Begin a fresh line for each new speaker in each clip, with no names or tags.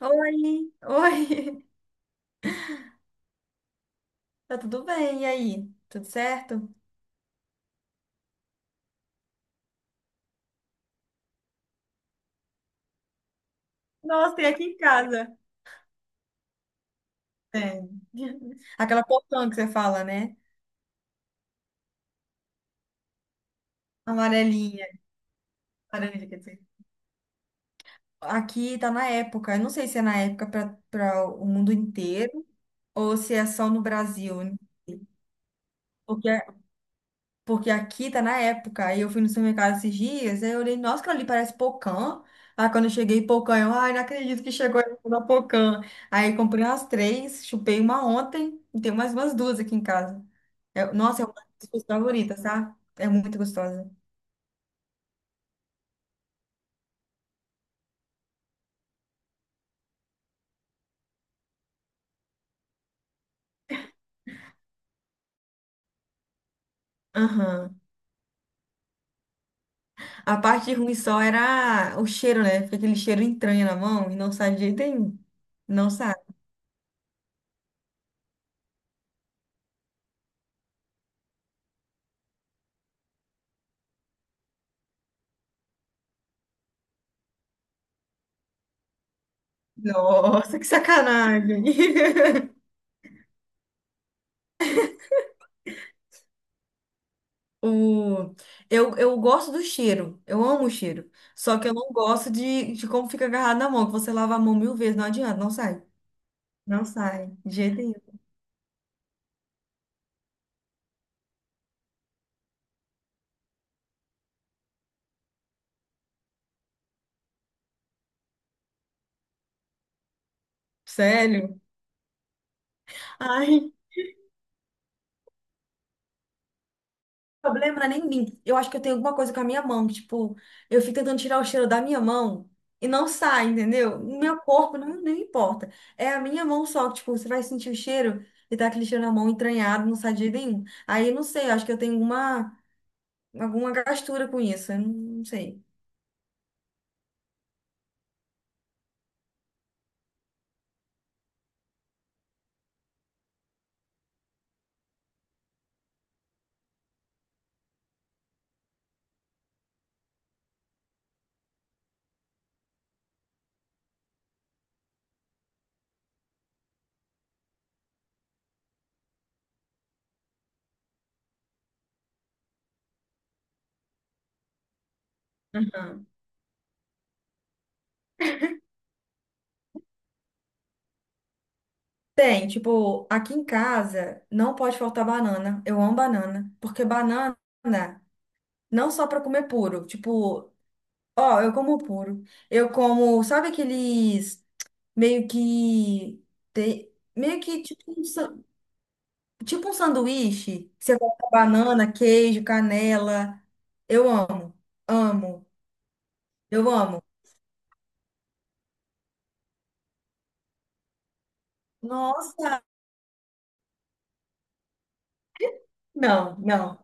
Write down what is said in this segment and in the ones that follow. Oi, oi, tá tudo bem? E aí? Tudo certo? Nossa, tem aqui em casa. Tem. Aquela portão que você fala, né? Amarelinha. Laranja, quer dizer. Aqui tá na época. Eu não sei se é na época para o mundo inteiro ou se é só no Brasil. Né? Porque Porque aqui tá na época. Aí eu fui no supermercado esses dias, aí eu olhei, nossa, aquilo ali parece pocã. Aí quando eu cheguei, pocã, eu, ai, não acredito que chegou na pocã. Aí comprei umas três, chupei uma ontem e tenho mais umas duas aqui em casa. Nossa, é uma das minhas favoritas, tá? É muito gostosa. Aham. A parte ruim só era o cheiro, né? Fica aquele cheiro entranha na mão e não sai de jeito nenhum. Não sai. Nossa, que sacanagem. O... eu gosto do cheiro, eu amo o cheiro. Só que eu não gosto de como fica agarrado na mão, que você lava a mão mil vezes, não adianta, não sai. Não sai, de jeito nenhum. Sério? Ai, o problema não é nem mim. Eu acho que eu tenho alguma coisa com a minha mão, que, tipo, eu fico tentando tirar o cheiro da minha mão e não sai, entendeu? Meu corpo não importa. É a minha mão só, que, tipo, você vai sentir o cheiro e tá aquele cheiro na mão entranhado, não sai de jeito nenhum. Aí eu não sei, eu acho que eu tenho alguma gastura com isso, eu não não sei. Tem, tipo, aqui em casa não pode faltar banana. Eu amo banana, porque banana não só para comer puro, tipo, ó, eu como puro. Eu como, sabe aqueles meio que meio que tipo um, tipo um sanduíche, que você coloca banana, queijo, canela. Eu amo, amo, eu amo. Nossa, não, não.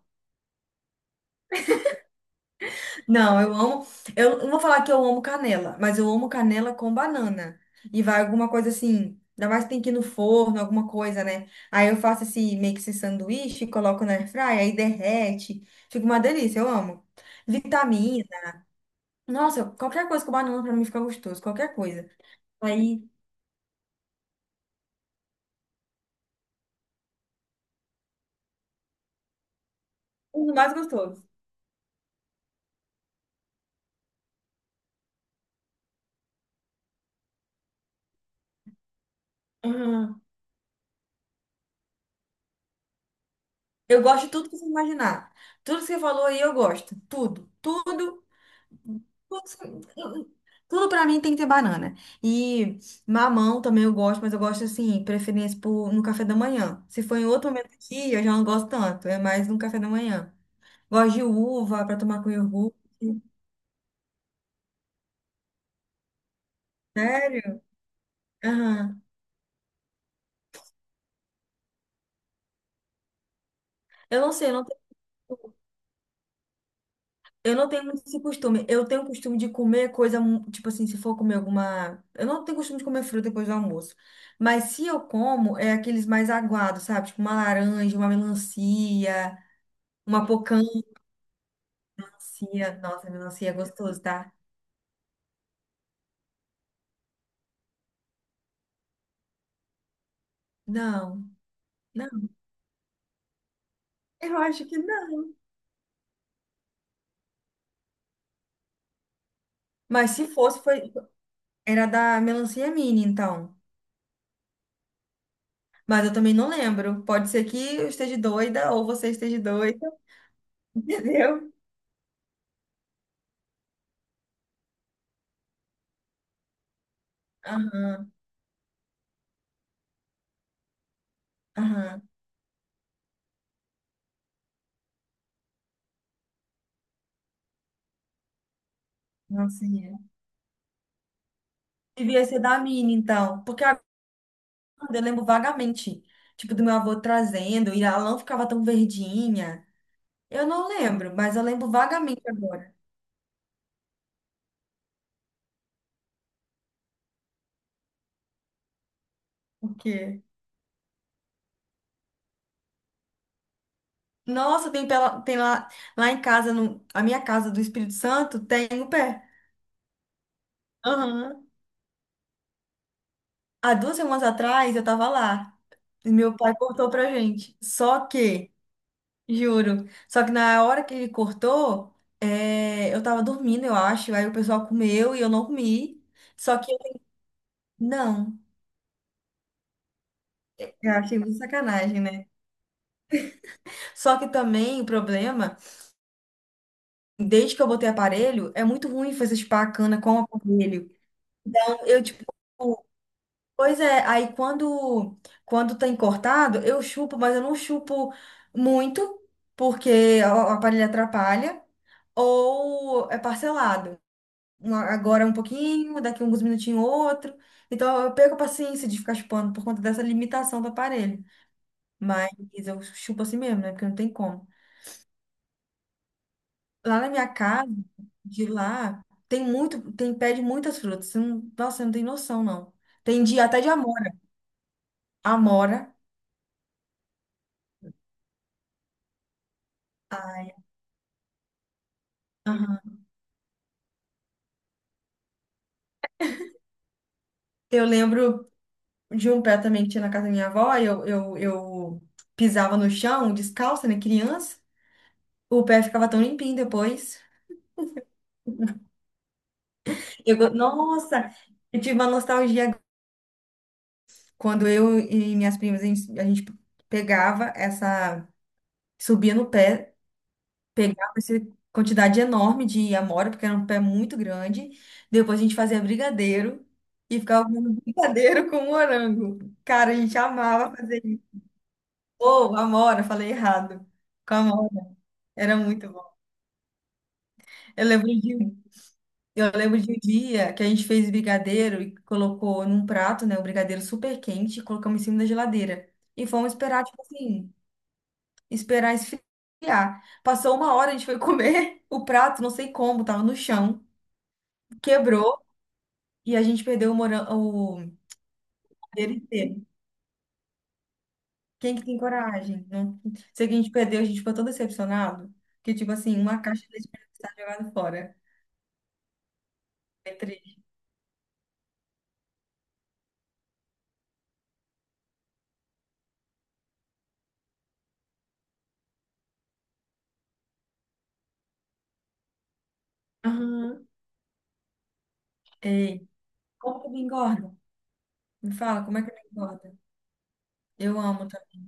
Não, eu amo. Eu não vou falar que eu amo canela, mas eu amo canela com banana. E vai alguma coisa assim. Ainda mais que tem que ir no forno, alguma coisa, né? Aí eu faço esse meio que esse sanduíche, coloco na airfryer, aí derrete. Fica uma delícia, eu amo. Vitamina. Nossa, qualquer coisa com banana pra mim fica gostoso, qualquer coisa. Aí, o mais gostoso. Ah, eu gosto de tudo que você imaginar. Tudo que você falou aí eu gosto. Tudo, tudo. Putz, tudo pra mim tem que ter banana. E mamão também eu gosto, mas eu gosto assim, preferência por, no café da manhã. Se for em outro momento do dia, eu já não gosto tanto. É mais no café da manhã. Gosto de uva pra tomar com iogurte. Sério? Aham. Eu não sei, eu não tenho, eu não tenho muito esse costume. Eu tenho o costume de comer coisa, tipo assim, se for comer alguma. Eu não tenho costume de comer fruta depois do almoço. Mas se eu como, é aqueles mais aguados, sabe? Tipo uma laranja, uma melancia, uma pocã. Melancia, nossa, melancia é gostoso, tá? Não, não, eu acho que não. Mas se fosse, foi, era da melancia mini, então. Mas eu também não lembro. Pode ser que eu esteja doida ou você esteja doida, entendeu? Aham, aham, melancia. Devia ser da mini, então. Porque agora eu lembro vagamente, tipo, do meu avô trazendo e ela não ficava tão verdinha. Eu não lembro, mas eu lembro vagamente agora. Por quê? Nossa, tem, pela, tem lá, lá em casa, no, a minha casa do Espírito Santo, tem o pé. Aham. Há duas semanas atrás eu tava lá. E meu pai cortou pra gente. Só que, juro, só que na hora que ele cortou, é, eu tava dormindo, eu acho. Aí o pessoal comeu e eu não comi. Só que, não, eu achei muito sacanagem, né? Só que também o problema, desde que eu botei aparelho, é muito ruim fazer chupacana com o aparelho. Então, Eu, tipo. Pois é, aí quando tem cortado, eu chupo, mas eu não chupo muito, porque o aparelho atrapalha, ou é parcelado. Agora é um pouquinho, daqui uns minutinhos outro. Então eu perco a paciência de ficar chupando por conta dessa limitação do aparelho. Mas eu chupo assim mesmo, né? Porque não tem como. Lá na minha casa, de lá, tem muito, tem pé de muitas frutas. Você não- Nossa, você não tem noção, não. Tem dia até de amora. Amora. Aham. Eu lembro de um pé também que tinha na casa da minha avó, e eu pisava no chão, descalça, né, criança. O pé ficava tão limpinho depois. Nossa, eu tive uma nostalgia agora. Quando eu e minhas primas, a gente pegava essa, subia no pé, pegava essa quantidade enorme de amora, porque era um pé muito grande. Depois a gente fazia brigadeiro e ficava comendo brigadeiro com morango. Cara, a gente amava fazer isso. Ô, amora, falei errado. Com amora. Era muito bom. Eu lembro de, um- eu lembro de um dia que a gente fez brigadeiro e colocou num prato, né, o brigadeiro super quente e colocamos em cima da geladeira. E fomos esperar, tipo assim, esperar esfriar. Passou uma hora, a gente foi comer o prato, não sei como, tava no chão, quebrou e a gente perdeu o brigadeiro inteiro. Quem que tem coragem? Não sei que a gente perdeu, a gente ficou tão decepcionado que, tipo assim, uma caixa de leite condensado jogada fora. É triste. Aham. Ei, como que me engorda? Me fala, como é que eu não engorda? Eu amo também.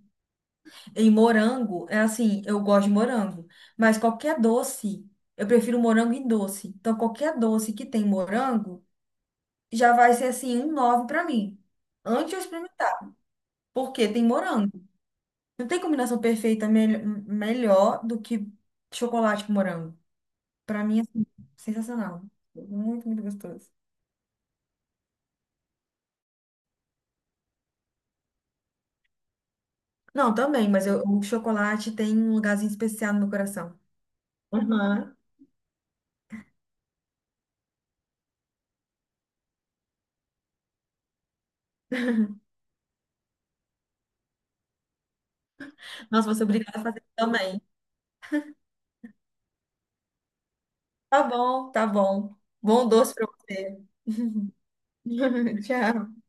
E morango, é assim, eu gosto de morango, mas qualquer doce, eu prefiro morango e doce. Então, qualquer doce que tem morango, já vai ser assim, um 9 pra mim. Antes eu experimentar, porque tem morango. Não tem combinação perfeita melhor do que chocolate com morango. Pra mim, assim, sensacional. Muito, muito gostoso. Não, também, mas eu- O chocolate tem um lugarzinho especial no meu coração. Aham. Nossa, você obrigada a fazer também. Tá bom, tá bom. Bom doce pra você. Tchau.